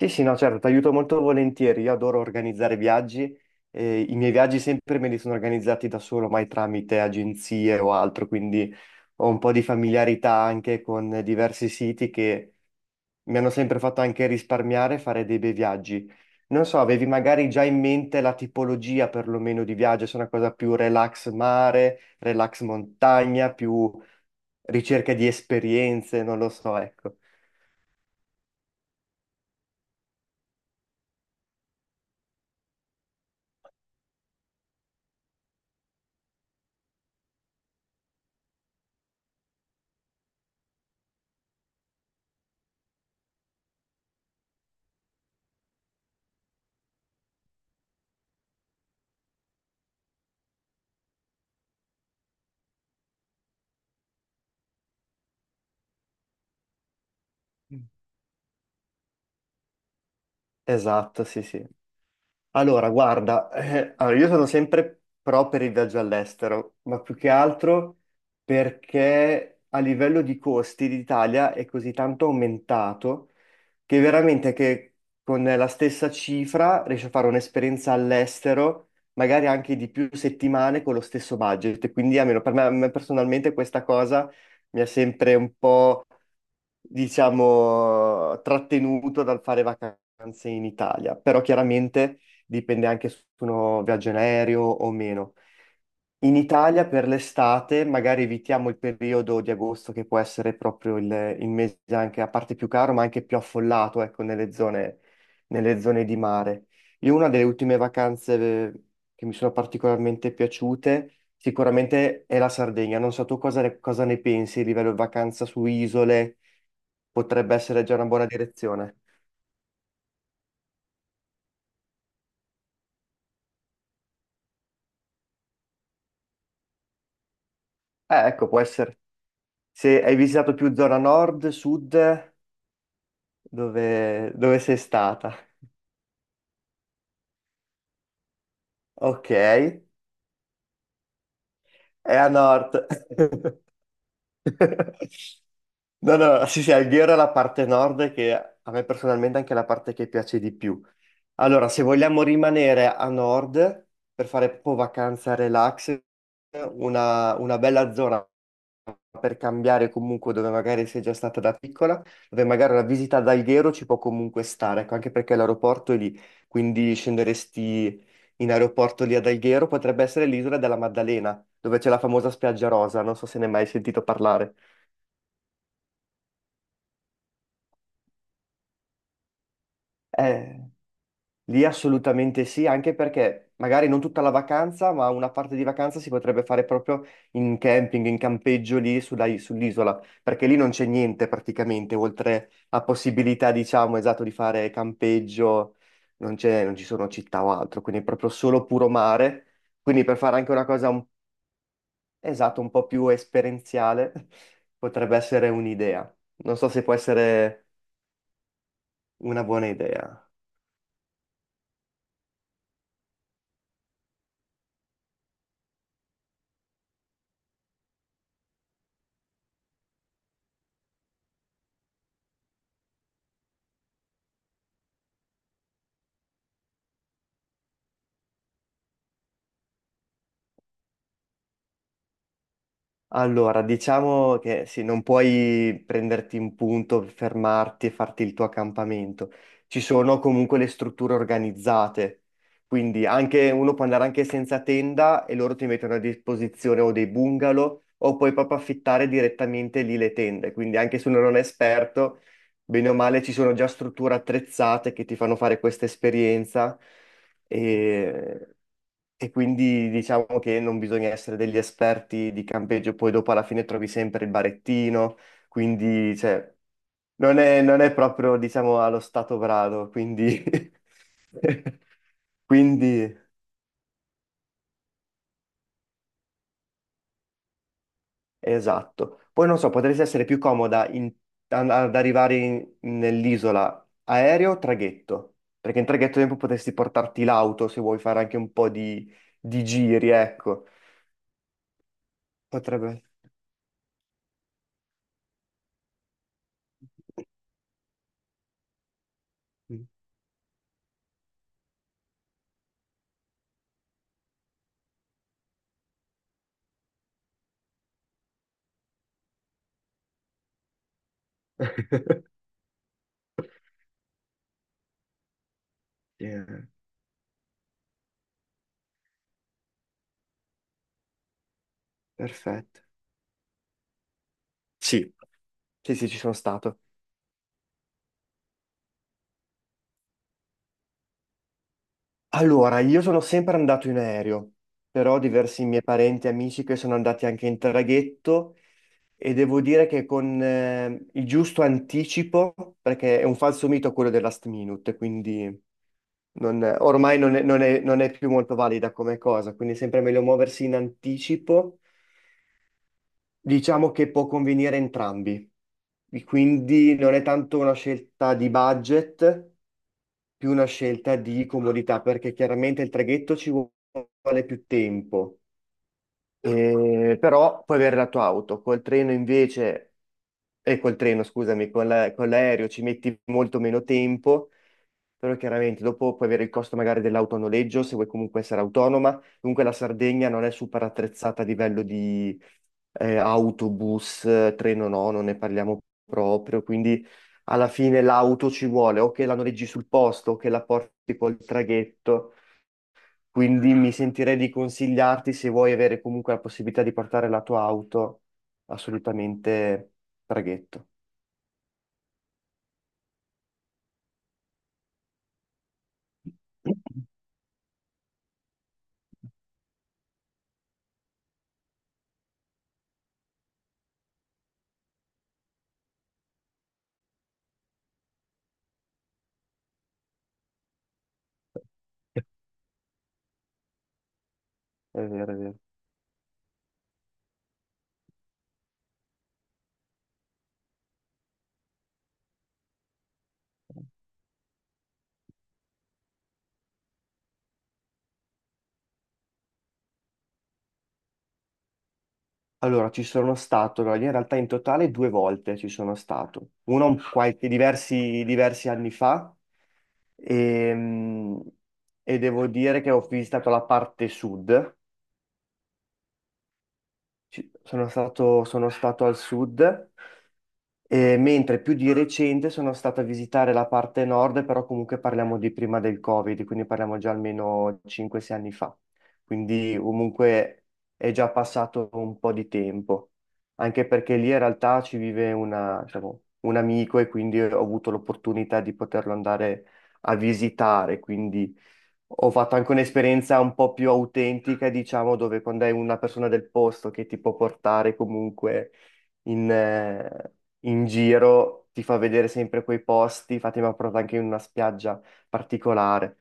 Sì, sì, no, certo, ti aiuto molto volentieri. Io adoro organizzare viaggi e i miei viaggi sempre me li sono organizzati da solo, mai tramite agenzie o altro, quindi ho un po' di familiarità anche con diversi siti che mi hanno sempre fatto anche risparmiare e fare dei bei viaggi. Non so, avevi magari già in mente la tipologia perlomeno di viaggio, se è una cosa più relax mare, relax montagna, più ricerca di esperienze, non lo so, ecco. Esatto, sì, sì. Allora, guarda, allora, io sono sempre pro per il viaggio all'estero, ma più che altro perché a livello di costi l'Italia è così tanto aumentato che veramente che con la stessa cifra riesci a fare un'esperienza all'estero, magari anche di più settimane con lo stesso budget. Quindi almeno per me, a me personalmente questa cosa mi ha sempre un po', diciamo, trattenuto dal fare vacanze in Italia, però chiaramente dipende anche se uno viaggia in aereo o meno. In Italia per l'estate magari evitiamo il periodo di agosto, che può essere proprio il mese anche a parte più caro, ma anche più affollato, ecco, nelle zone di mare. Io una delle ultime vacanze che mi sono particolarmente piaciute sicuramente è la Sardegna. Non so tu cosa ne pensi a livello di vacanza su isole, potrebbe essere già una buona direzione. Ecco, può essere. Se hai visitato più zona nord, sud, dove sei stata? Ok, è a nord. No, no, sì, sì, Alghero è la parte nord che a me personalmente è anche la parte che piace di più. Allora, se vogliamo rimanere a nord per fare un po' vacanza relax, una bella zona per cambiare comunque dove magari sei già stata da piccola, dove magari la visita ad Alghero ci può comunque stare, ecco, anche perché l'aeroporto è lì, quindi scenderesti in aeroporto lì ad Alghero, potrebbe essere l'isola della Maddalena, dove c'è la famosa spiaggia rosa, non so se ne hai mai sentito parlare. Eh... Lì assolutamente sì, anche perché magari non tutta la vacanza, ma una parte di vacanza si potrebbe fare proprio in camping, in campeggio lì sull'isola, perché lì non c'è niente praticamente, oltre a possibilità, diciamo, esatto, di fare campeggio, non ci sono città o altro, quindi è proprio solo puro mare. Quindi per fare anche una cosa, esatto, un po' più esperienziale, potrebbe essere un'idea. Non so se può essere una buona idea. Allora, diciamo che sì, non puoi prenderti in punto, fermarti e farti il tuo accampamento. Ci sono comunque le strutture organizzate, quindi anche, uno può andare anche senza tenda e loro ti mettono a disposizione o dei bungalow o puoi proprio affittare direttamente lì le tende. Quindi anche se uno non è esperto, bene o male ci sono già strutture attrezzate che ti fanno fare questa esperienza. E e quindi diciamo che non bisogna essere degli esperti di campeggio, poi dopo alla fine trovi sempre il barettino, quindi cioè, non è proprio, diciamo, allo stato brado, quindi... quindi esatto. Poi non so, potresti essere più comoda ad arrivare nell'isola aereo o traghetto, perché in traghetto ad esempio potresti portarti l'auto se vuoi fare anche un po' di giri, ecco. Potrebbe... Yeah. Perfetto. Sì, sì, ci sono stato. Allora, io sono sempre andato in aereo, però ho diversi miei parenti e amici che sono andati anche in traghetto e devo dire che con il giusto anticipo, perché è un falso mito quello del last minute, quindi ormai non è più molto valida come cosa, quindi è sempre meglio muoversi in anticipo. Diciamo che può convenire entrambi, quindi non è tanto una scelta di budget, più una scelta di comodità, perché chiaramente il traghetto ci vuole più tempo, però puoi avere la tua auto, col treno invece, e col treno, scusami, con la- con l'aereo ci metti molto meno tempo, però chiaramente dopo puoi avere il costo magari dell'auto a noleggio, se vuoi comunque essere autonoma. Comunque la Sardegna non è super attrezzata a livello di autobus, treno no, non ne parliamo proprio, quindi alla fine l'auto ci vuole, o che la noleggi sul posto, o che la porti col traghetto. Quindi mi sentirei di consigliarti, se vuoi avere comunque la possibilità di portare la tua auto, assolutamente traghetto. È vero, è vero. Allora, io in realtà in totale due volte ci sono stato. Uno qualche, diversi anni fa, ehm, e devo dire che ho visitato la parte sud. Sono stato al sud. E mentre più di recente sono stato a visitare la parte nord, però comunque parliamo di prima del Covid, quindi parliamo già almeno 5-6 anni fa. Quindi comunque è già passato un po' di tempo, anche perché lì in realtà ci vive diciamo, un amico e quindi ho avuto l'opportunità di poterlo andare a visitare, quindi ho fatto anche un'esperienza un po' più autentica, diciamo, dove quando hai una persona del posto che ti può portare comunque in, eh, in giro, ti fa vedere sempre quei posti, infatti mi ha portato anche in una spiaggia particolare,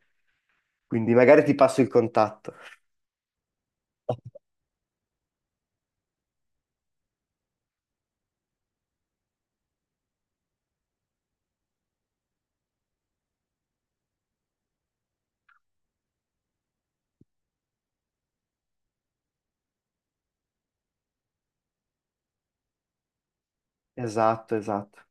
quindi magari ti passo il contatto. Esatto, esatto.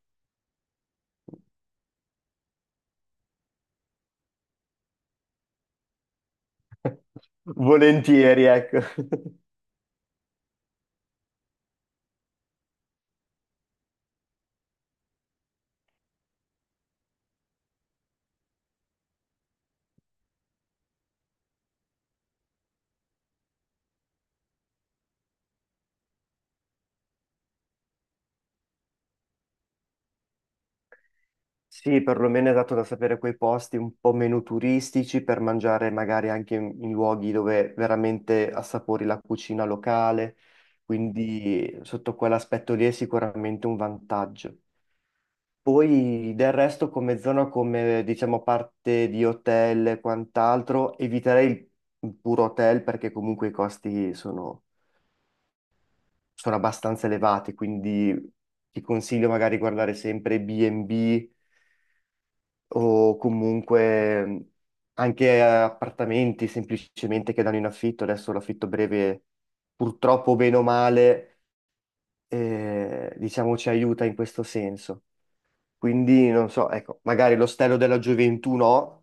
Volentieri, ecco. Sì, perlomeno è dato da sapere quei posti un po' meno turistici per mangiare magari anche in luoghi dove veramente assapori la cucina locale, quindi sotto quell'aspetto lì è sicuramente un vantaggio. Poi del resto come zona, come diciamo parte di hotel e quant'altro, eviterei il puro hotel perché comunque i sono abbastanza elevati, quindi ti consiglio magari guardare sempre B&B o comunque anche appartamenti semplicemente che danno in affitto. Adesso l'affitto breve purtroppo bene o male, diciamo ci aiuta in questo senso. Quindi non so, ecco, magari l'ostello della gioventù no